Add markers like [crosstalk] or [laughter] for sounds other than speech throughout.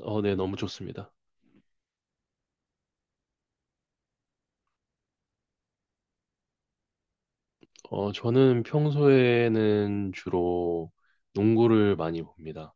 네, 너무 좋습니다. 저는 평소에는 주로 농구를 많이 봅니다.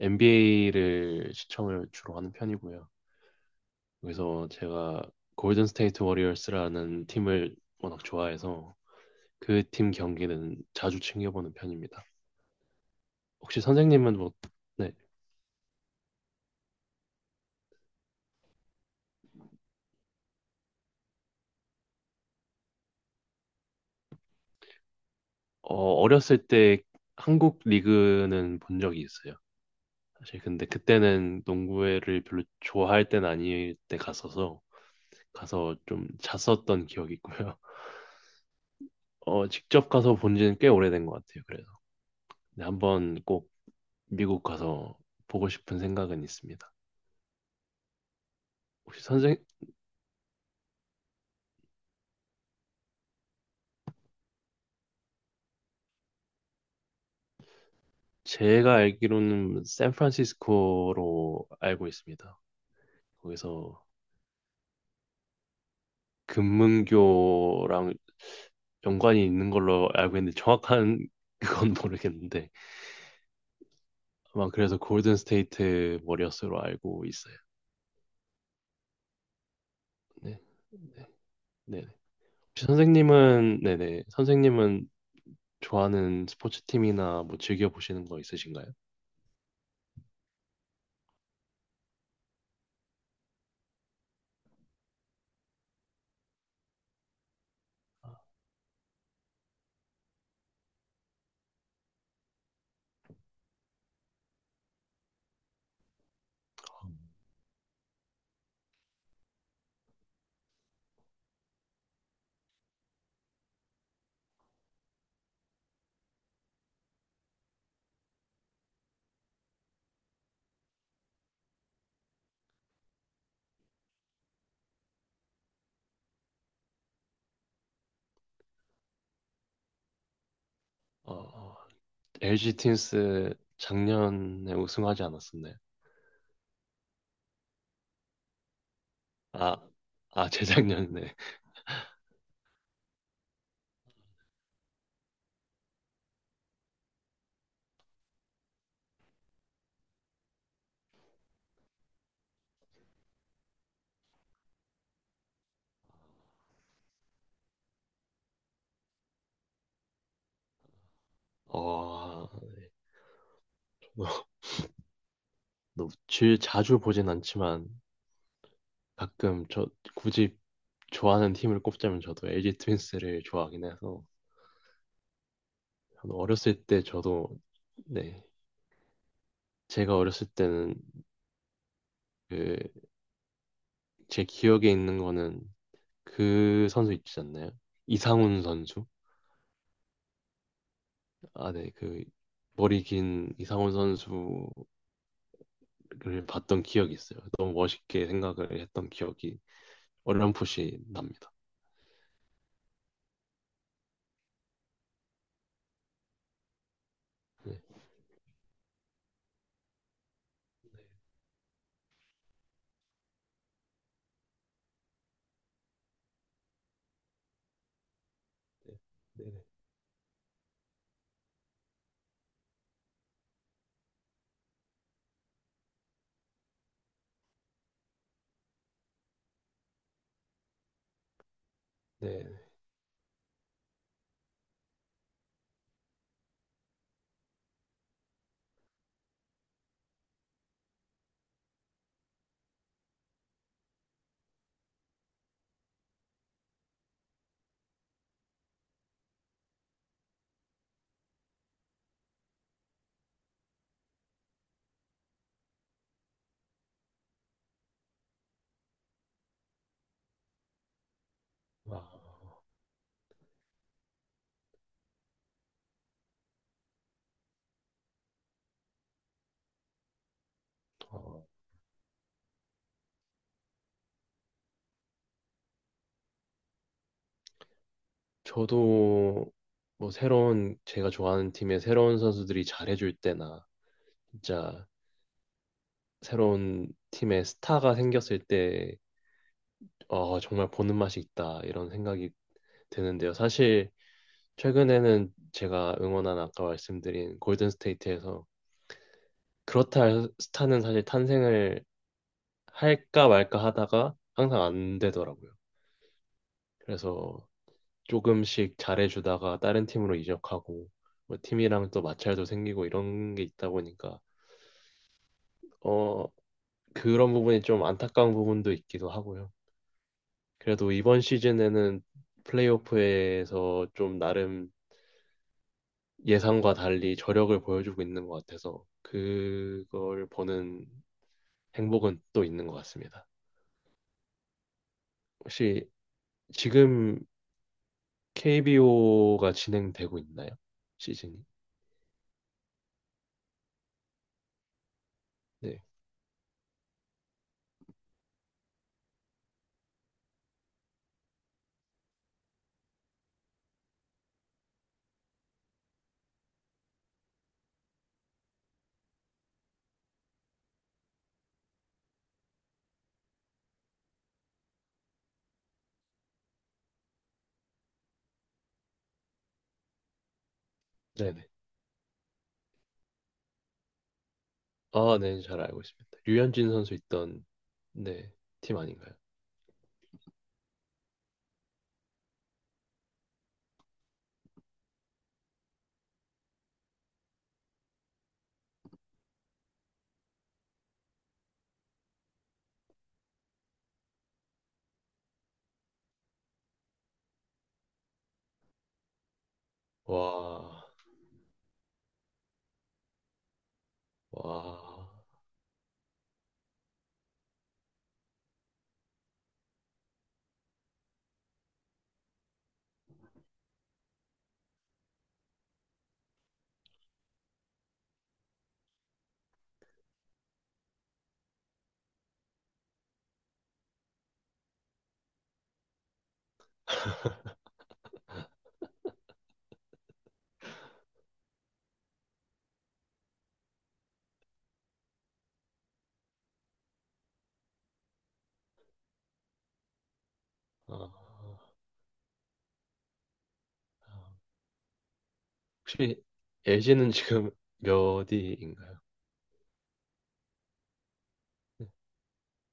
NBA를 시청을 주로 하는 편이고요. 그래서 제가 골든 스테이트 워리어스라는 팀을 워낙 좋아해서 그 팀 경기는 자주 챙겨보는 편입니다. 혹시 선생님은 뭐, 네, 어렸을 때 한국 리그는 본 적이 있어요. 사실 근데 그때는 농구를 회 별로 좋아할 땐 아닐 때 갔어서 가서 좀 잤었던 기억이 있고요. [laughs] 직접 가서 본 지는 꽤 오래된 것 같아요. 그래서 근데 한번 꼭 미국 가서 보고 싶은 생각은 있습니다. 혹시 선생 제가 알기로는 샌프란시스코로 알고 있습니다. 거기서 금문교랑 연관이 있는 걸로 알고 있는데 정확한 [laughs] 그건 모르겠는데 아마 그래서 골든 스테이트 머리였스로 알고 있어요. 네. 네. 네. 혹시 선생님은 네네 선생님은 좋아하는 스포츠 팀이나 뭐 즐겨 보시는 거 있으신가요? 어, 어, LG 윈스 작년에 우승하지 않았었나요? 아, 아 [laughs] 재작년에. 어, 자주 보진 않지만 가끔 저 굳이 좋아하는 팀을 꼽자면 저도 LG 트윈스를 좋아하긴 해서 저는 어렸을 때 저도 네 제가 어렸을 때는 그 제 기억에 있는 거는 그 선수 있지 않나요? 이상훈 선수 아, 네, 그 머리 긴 이상훈 선수를 봤던 기억이 있어요. 너무 멋있게 생각을 했던 기억이 어렴풋이 납니다. 네, 네, 네, 네. 와, 어, 저도 뭐 새로운 제가 좋아하는 팀의 새로운 선수들이 잘해줄 때나 진짜 새로운 팀의 스타가 생겼을 때 정말 보는 맛이 있다 이런 생각이 드는데요. 사실 최근에는 제가 응원한 아까 말씀드린 골든 스테이트에서 그렇다 스타는 사실 탄생을 할까 말까 하다가 항상 안 되더라고요. 그래서 조금씩 잘해주다가 다른 팀으로 이적하고 뭐 팀이랑 또 마찰도 생기고 이런 게 있다 보니까 어 그런 부분이 좀 안타까운 부분도 있기도 하고요. 그래도 이번 시즌에는 플레이오프에서 좀 나름 예상과 달리 저력을 보여주고 있는 것 같아서 그걸 보는 행복은 또 있는 것 같습니다. 혹시 지금 KBO가 진행되고 있나요? 시즌이? 네. 네네. 아, 네, 잘 알고 있습니다. 류현진 선수 있던, 네, 팀 아닌가요? 와, 와, 아, 아. 혹시 LG는 지금 몇 위인가요? 네,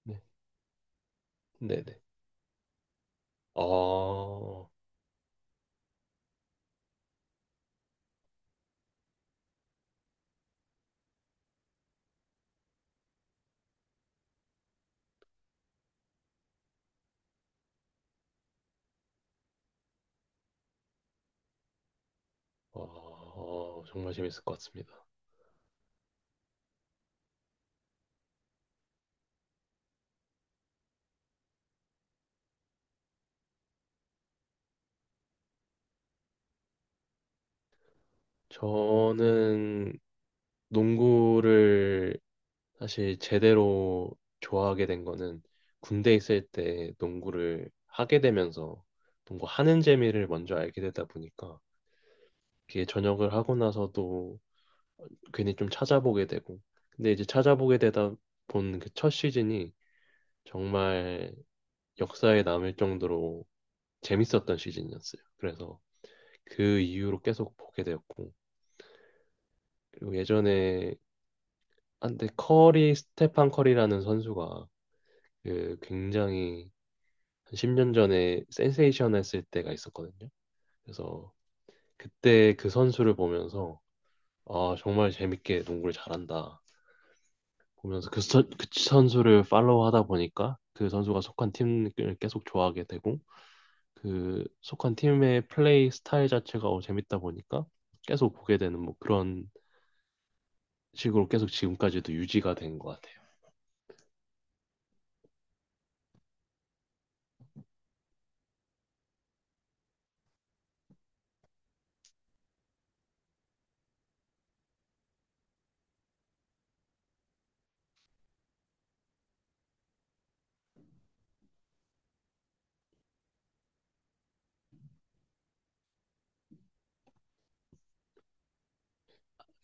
네, 네네. 아, 아, 정말 재밌을 것 같습니다. 저는 농구를 사실 제대로 좋아하게 된 거는 군대 있을 때 농구를 하게 되면서 농구하는 재미를 먼저 알게 되다 보니까 그게 전역을 하고 나서도 괜히 좀 찾아보게 되고 근데 이제 찾아보게 되다 본 그 첫 시즌이 정말 역사에 남을 정도로 재밌었던 시즌이었어요. 그래서 그 이후로 계속 보게 되었고 그리고 예전에 한때 커리 스테판 커리라는 선수가 그 굉장히 한 10년 전에 센세이션 했을 때가 있었거든요. 그래서 그때 그 선수를 보면서 아, 정말 재밌게 농구를 잘한다. 보면서 그 선수를 팔로우 하다 보니까 그 선수가 속한 팀을 계속 좋아하게 되고 그 속한 팀의 플레이 스타일 자체가 재밌다 보니까 계속 보게 되는 뭐 그런 식으로 계속 지금까지도 유지가 된 것 같아요.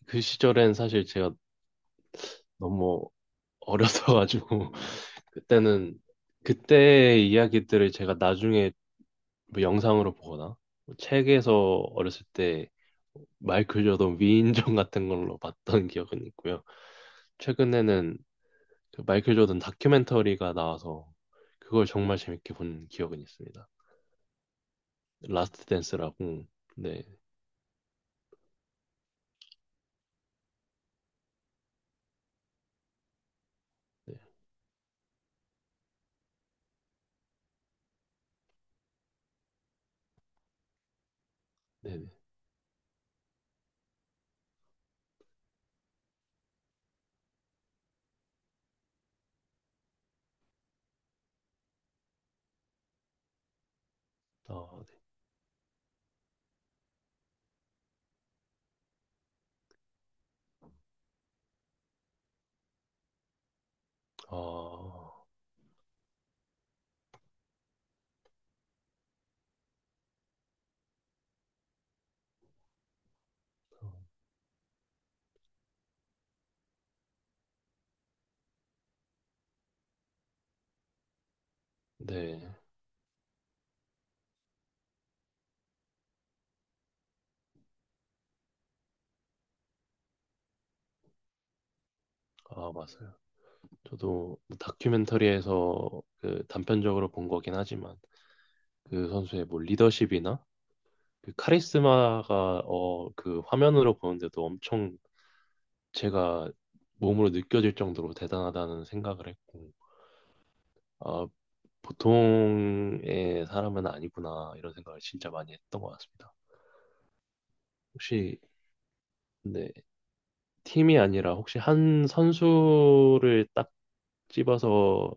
그 시절엔 사실 제가 너무 어렸어가지고 [laughs] 그때는 그때의 이야기들을 제가 나중에 뭐 영상으로 보거나 뭐 책에서 어렸을 때 마이클 조던 위인전 같은 걸로 봤던 기억은 있고요. 최근에는 그 마이클 조던 다큐멘터리가 나와서 그걸 정말 재밌게 본 기억은 있습니다. 라스트 댄스라고. 네, 네, 네, 네. 아, 네. 아, 네. 아, 맞아요. 저도 뭐 다큐멘터리에서 그 단편적으로 본 거긴 하지만 그 선수의 뭐 리더십이나 그 카리스마가 어 그 화면으로 보는데도 엄청 제가 몸으로 느껴질 정도로 대단하다는 생각을 했고 아 보통의 사람은 아니구나 이런 생각을 진짜 많이 했던 것 같습니다. 혹시 근데 팀이 아니라 혹시 한 선수를 딱 집어서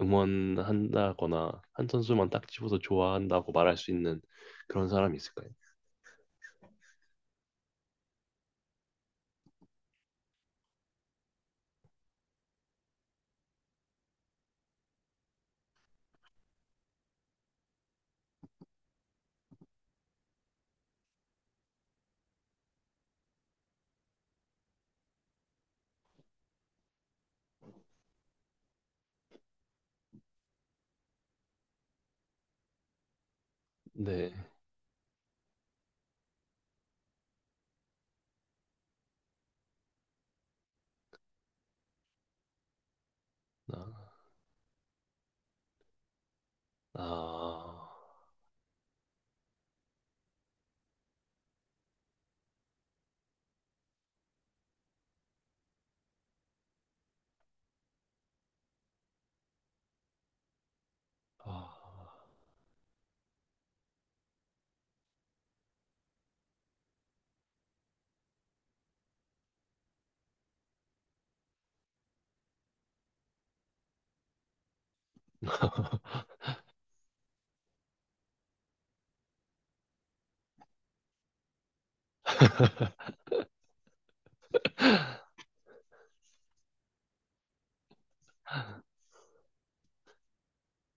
응원한다거나 한 선수만 딱 집어서 좋아한다고 말할 수 있는 그런 사람이 있을까요? 네. 아, 아, 아.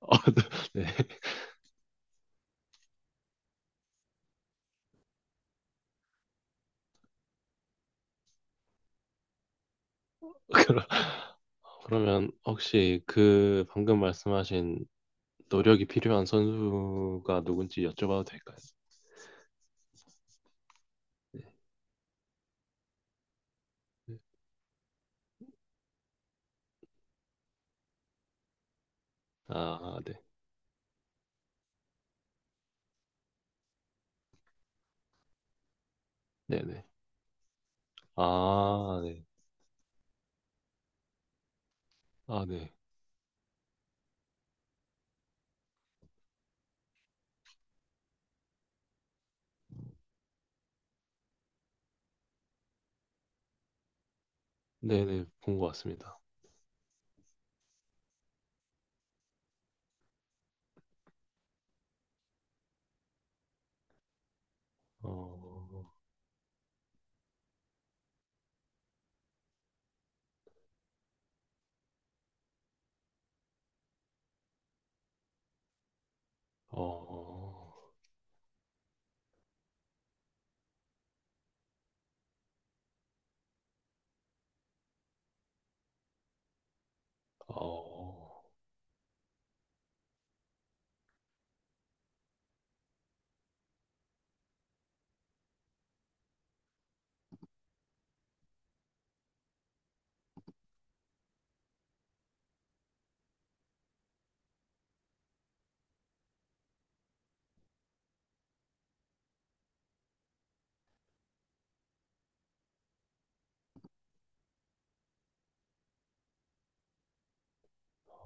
어, [laughs] 네. 그러- 그러면 혹시 그 방금 말씀하신 노력이 필요한 선수가 누군지 여쭤봐도 될까요? 네. 아, 네. 네네. 아, 네. 아, 네. 네네. 본 것 같습니다. 어, 어, 어,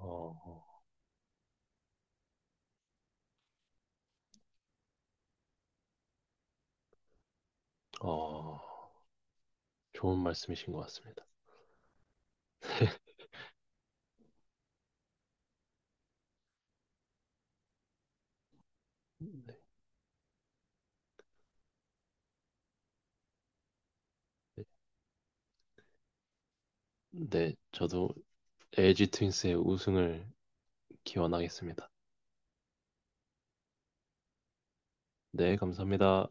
어, 어. 좋은 말씀이신 것 같습니다. 네, 네, 네, 저도 LG 트윈스의 우승을 기원하겠습니다. 네, 감사합니다.